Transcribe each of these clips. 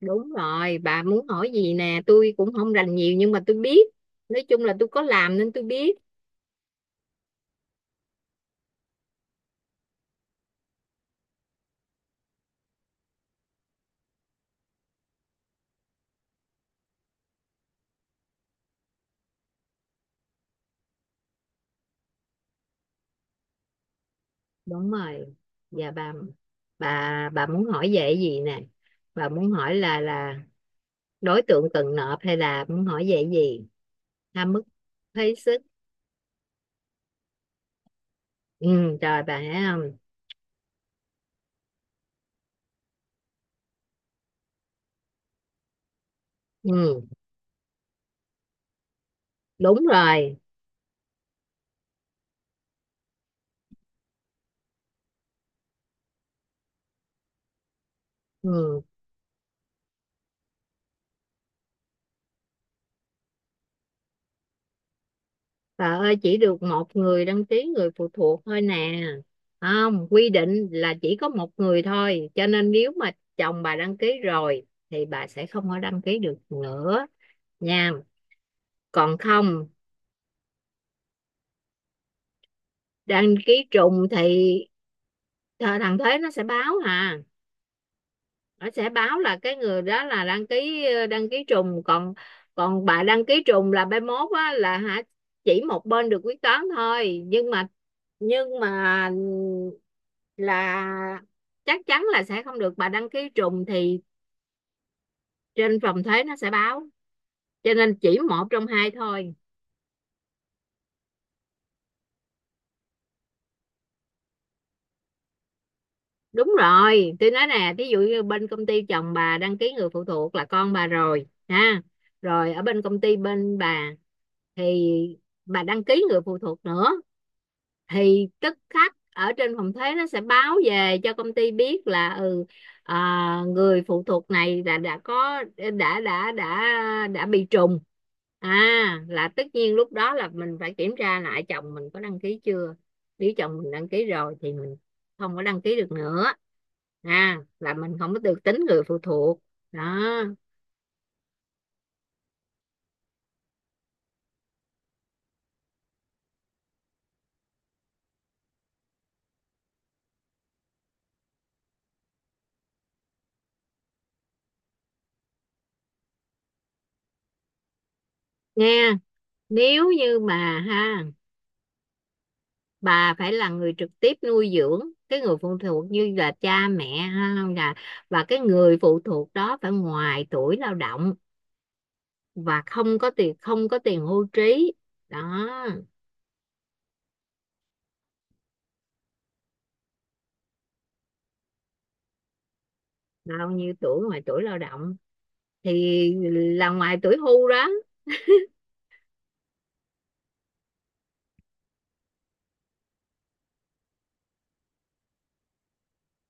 Đúng rồi, bà muốn hỏi gì nè, tôi cũng không rành nhiều nhưng mà tôi biết. Nói chung là tôi có làm nên tôi biết. Đúng rồi. Dạ bà bà muốn hỏi về cái gì nè? Bà muốn hỏi là đối tượng cần nộp hay là muốn hỏi về cái gì? Tham mức phí sức. Ừ, trời bà thấy không? Ừ, đúng rồi. Ừ. Bà ơi, chỉ được một người đăng ký người phụ thuộc thôi nè. Không, quy định là chỉ có một người thôi. Cho nên nếu mà chồng bà đăng ký rồi thì bà sẽ không có đăng ký được nữa nha. Còn không, đăng ký trùng thì thằng Thế nó sẽ báo à. Nó sẽ báo là cái người đó là đăng ký đăng ký trùng, còn còn bà đăng ký trùng là bên mốt á, là hả, chỉ một bên được quyết toán thôi. Nhưng mà nhưng mà là chắc chắn là sẽ không được, bà đăng ký trùng thì trên phòng thuế nó sẽ báo, cho nên chỉ một trong hai thôi. Đúng rồi, tôi nói nè, thí dụ như bên công ty chồng bà đăng ký người phụ thuộc là con bà rồi ha, rồi ở bên công ty bên bà thì bà đăng ký người phụ thuộc nữa, thì tức khắc ở trên phòng thuế nó sẽ báo về cho công ty biết là ừ, người phụ thuộc này là đã có, đã đã đã đã bị trùng. À, là tất nhiên lúc đó là mình phải kiểm tra lại chồng mình có đăng ký chưa, nếu chồng mình đăng ký rồi thì mình không có đăng ký được nữa, à là mình không có được tính người phụ thuộc đó. Nghe, nếu như mà ha, bà phải là người trực tiếp nuôi dưỡng cái người phụ thuộc, như là cha mẹ ha, là và cái người phụ thuộc đó phải ngoài tuổi lao động và không có tiền, không có tiền hưu trí đó. Bao nhiêu tuổi ngoài tuổi lao động thì là ngoài tuổi hưu đó.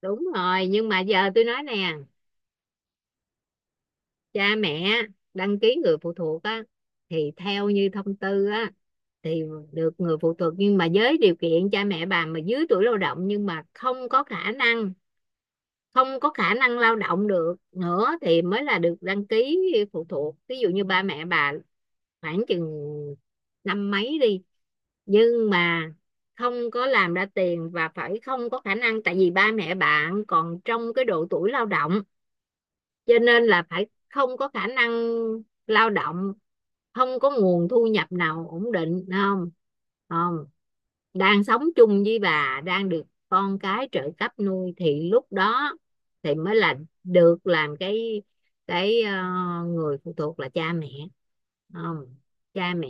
Đúng rồi, nhưng mà giờ tôi nói nè, cha mẹ đăng ký người phụ thuộc á, thì theo như thông tư á, thì được người phụ thuộc, nhưng mà với điều kiện cha mẹ bà mà dưới tuổi lao động nhưng mà không có khả năng, không có khả năng lao động được nữa thì mới là được đăng ký phụ thuộc. Ví dụ như ba mẹ bà khoảng chừng năm mấy đi, nhưng mà không có làm ra tiền và phải không có khả năng, tại vì ba mẹ bạn còn trong cái độ tuổi lao động, cho nên là phải không có khả năng lao động, không có nguồn thu nhập nào ổn định, không không đang sống chung với bà, đang được con cái trợ cấp nuôi, thì lúc đó thì mới là được làm cái cái ờ, người phụ thuộc là cha mẹ. Không, cha mẹ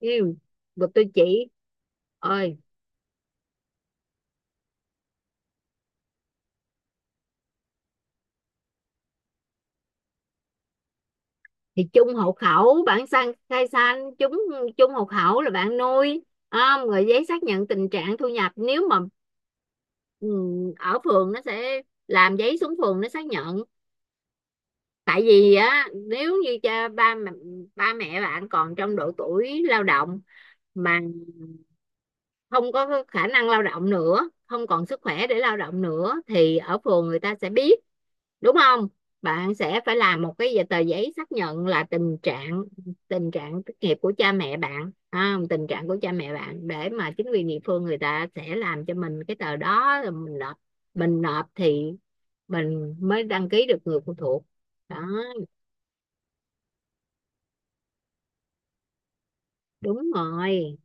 yêu tôi chỉ ơi thì chung hộ khẩu bạn sang khai san chúng, chung hộ khẩu là bạn nuôi, không rồi giấy xác nhận tình trạng thu nhập, nếu mà ừ, ở phường nó sẽ làm giấy, xuống phường nó xác nhận. Tại vì á, nếu như cha ba ba mẹ bạn còn trong độ tuổi lao động mà không có khả năng lao động nữa, không còn sức khỏe để lao động nữa, thì ở phường người ta sẽ biết, đúng không. Bạn sẽ phải làm một cái tờ giấy xác nhận là tình trạng thất nghiệp của cha mẹ bạn, tình trạng của cha mẹ bạn, để mà chính quyền địa phương người ta sẽ làm cho mình cái tờ đó rồi mình nộp, thì mình mới đăng ký được người phụ thuộc đó. Đúng rồi,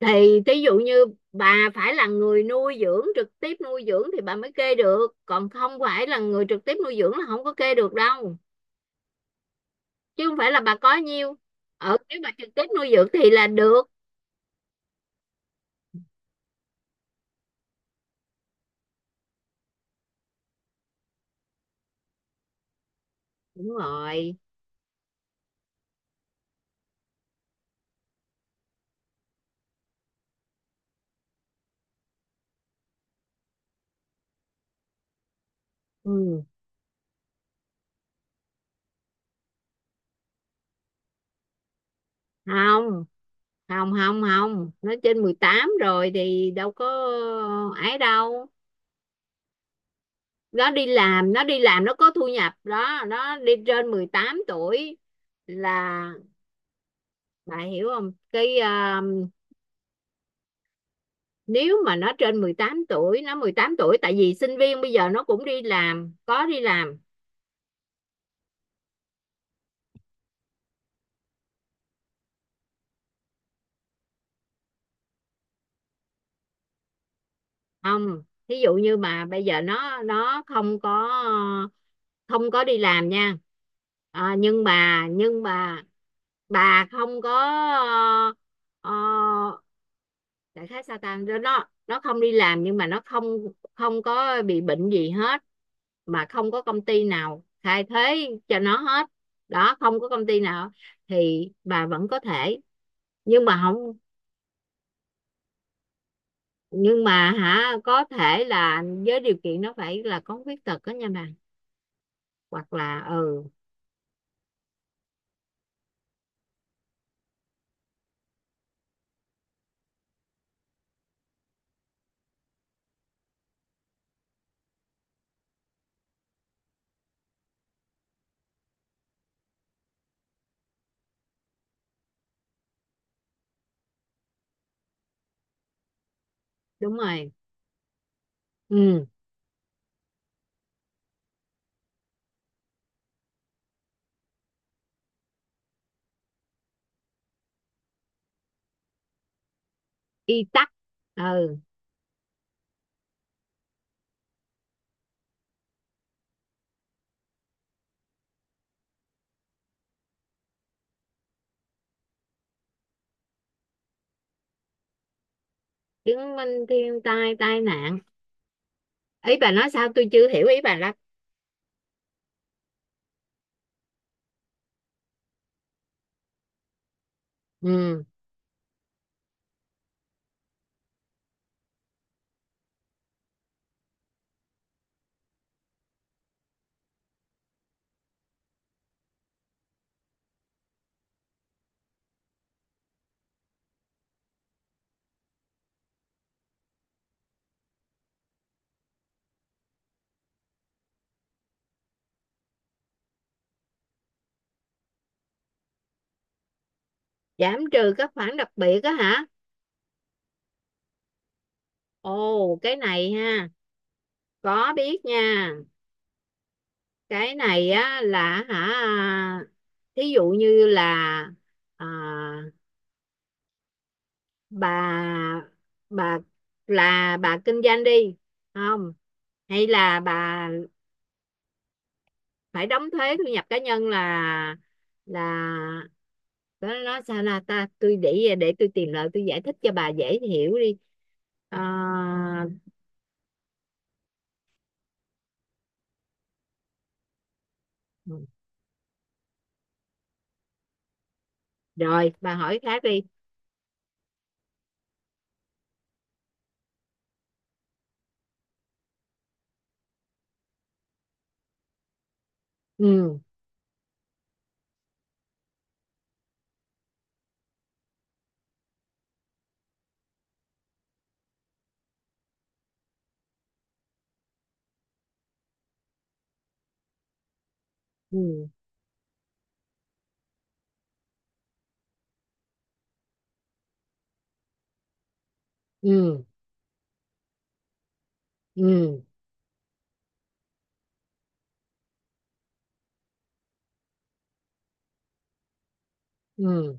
thì thí dụ như bà phải là người nuôi dưỡng, trực tiếp nuôi dưỡng thì bà mới kê được, còn không phải là người trực tiếp nuôi dưỡng là không có kê được đâu, chứ không phải là bà có nhiêu. Ở nếu bà trực tiếp nuôi dưỡng thì là được. Đúng rồi. Ừ. Không, không, không, không nó trên 18 rồi thì đâu có ấy đâu, nó đi làm, nó có thu nhập đó, nó đi trên 18 tuổi là bà hiểu không. Nếu mà nó trên 18 tuổi, nó 18 tuổi, tại vì sinh viên bây giờ nó cũng đi làm, có đi làm. Không, thí dụ như mà bây giờ nó không có, không có đi làm nha, nhưng mà bà không có ờ, đại khái sao ta, nó không đi làm, nhưng mà nó không, không có bị bệnh gì hết, mà không có công ty nào thay thế cho nó hết đó, không có công ty nào thì bà vẫn có thể, nhưng mà không, nhưng mà hả, có thể là với điều kiện nó phải là có khuyết tật đó nha bà, hoặc là ừ. Đúng rồi. Ừ. Y tắc. Ừ. Chứng minh thiên tai tai nạn, ý bà nói sao tôi chưa hiểu ý bà lắm. Ừ. Giảm trừ các khoản đặc biệt á hả. Ồ, cái này ha, có biết nha. Cái này á là hả, thí dụ như là à, bà bà là bà kinh doanh đi, không, hay là bà phải đóng thuế thu nhập cá nhân là là nó sao là ta, tôi để tôi tìm lại tôi giải thích cho bà dễ hiểu đi. Ờ, rồi bà hỏi khác đi. Ừ. Ừ. Ừ. Ừ. Ừ.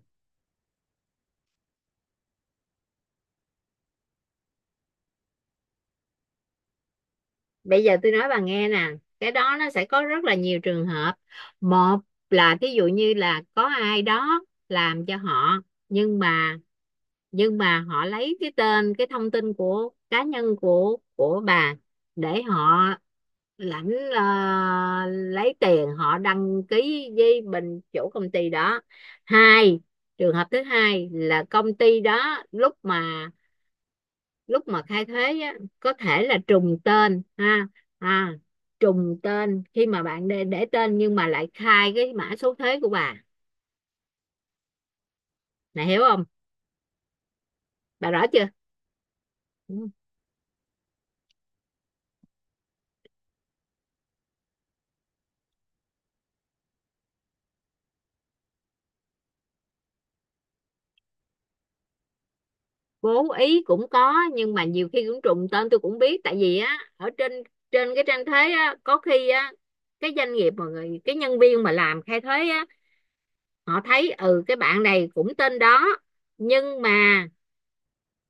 Bây giờ tôi nói bà nghe nè, cái đó nó sẽ có rất là nhiều trường hợp. Một là thí dụ như là có ai đó làm cho họ, nhưng mà họ lấy cái tên, cái thông tin của cá nhân của bà để họ lãnh, ờ, lấy tiền, họ đăng ký với bên chủ công ty đó. Hai, trường hợp thứ hai là công ty đó lúc mà khai thuế á, có thể là trùng tên ha. À, trùng tên khi mà bạn để tên nhưng mà lại khai cái mã số thuế của bà này, hiểu không, bà rõ chưa. Ừ. Cố ý cũng có, nhưng mà nhiều khi cũng trùng tên tôi cũng biết, tại vì á ở trên trên cái trang thuế á, có khi á cái doanh nghiệp mà người, cái nhân viên mà làm khai thuế á, họ thấy ừ cái bạn này cũng tên đó, nhưng mà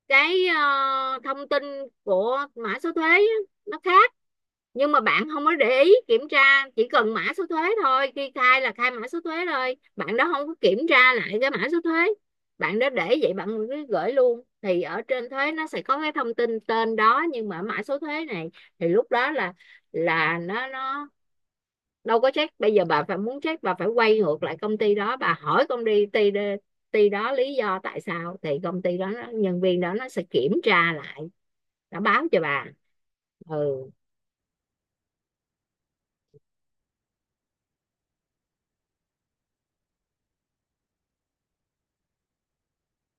cái thông tin của mã số thuế á, nó khác, nhưng mà bạn không có để ý kiểm tra, chỉ cần mã số thuế thôi, khi khai là khai mã số thuế rồi, bạn đó không có kiểm tra lại cái mã số thuế, bạn đó để vậy bạn cứ gửi luôn, thì ở trên thuế nó sẽ có cái thông tin tên đó nhưng mà mã số thuế này, thì lúc đó là nó đâu có check. Bây giờ bà phải muốn check bà phải quay ngược lại công ty đó, bà hỏi công ty ty đó lý do tại sao, thì công ty đó nhân viên đó nó sẽ kiểm tra lại, nó báo cho bà. Ừ.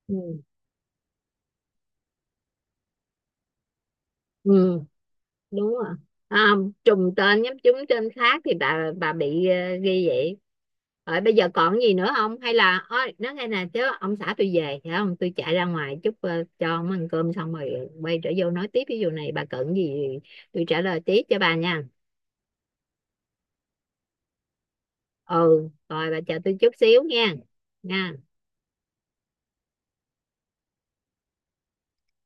ừ, ừ. Đúng rồi. À, trùng tên, nhắm trúng tên khác thì bà bị ghi vậy. Rồi bây giờ còn gì nữa không, hay là ôi nói nghe nè, chứ ông xã tôi về phải không, tôi chạy ra ngoài chút, cho ông ăn cơm xong rồi quay trở vô nói tiếp, ví dụ này bà cần gì tôi trả lời tiếp cho bà nha. Ừ rồi bà chờ tôi chút xíu nha, nha.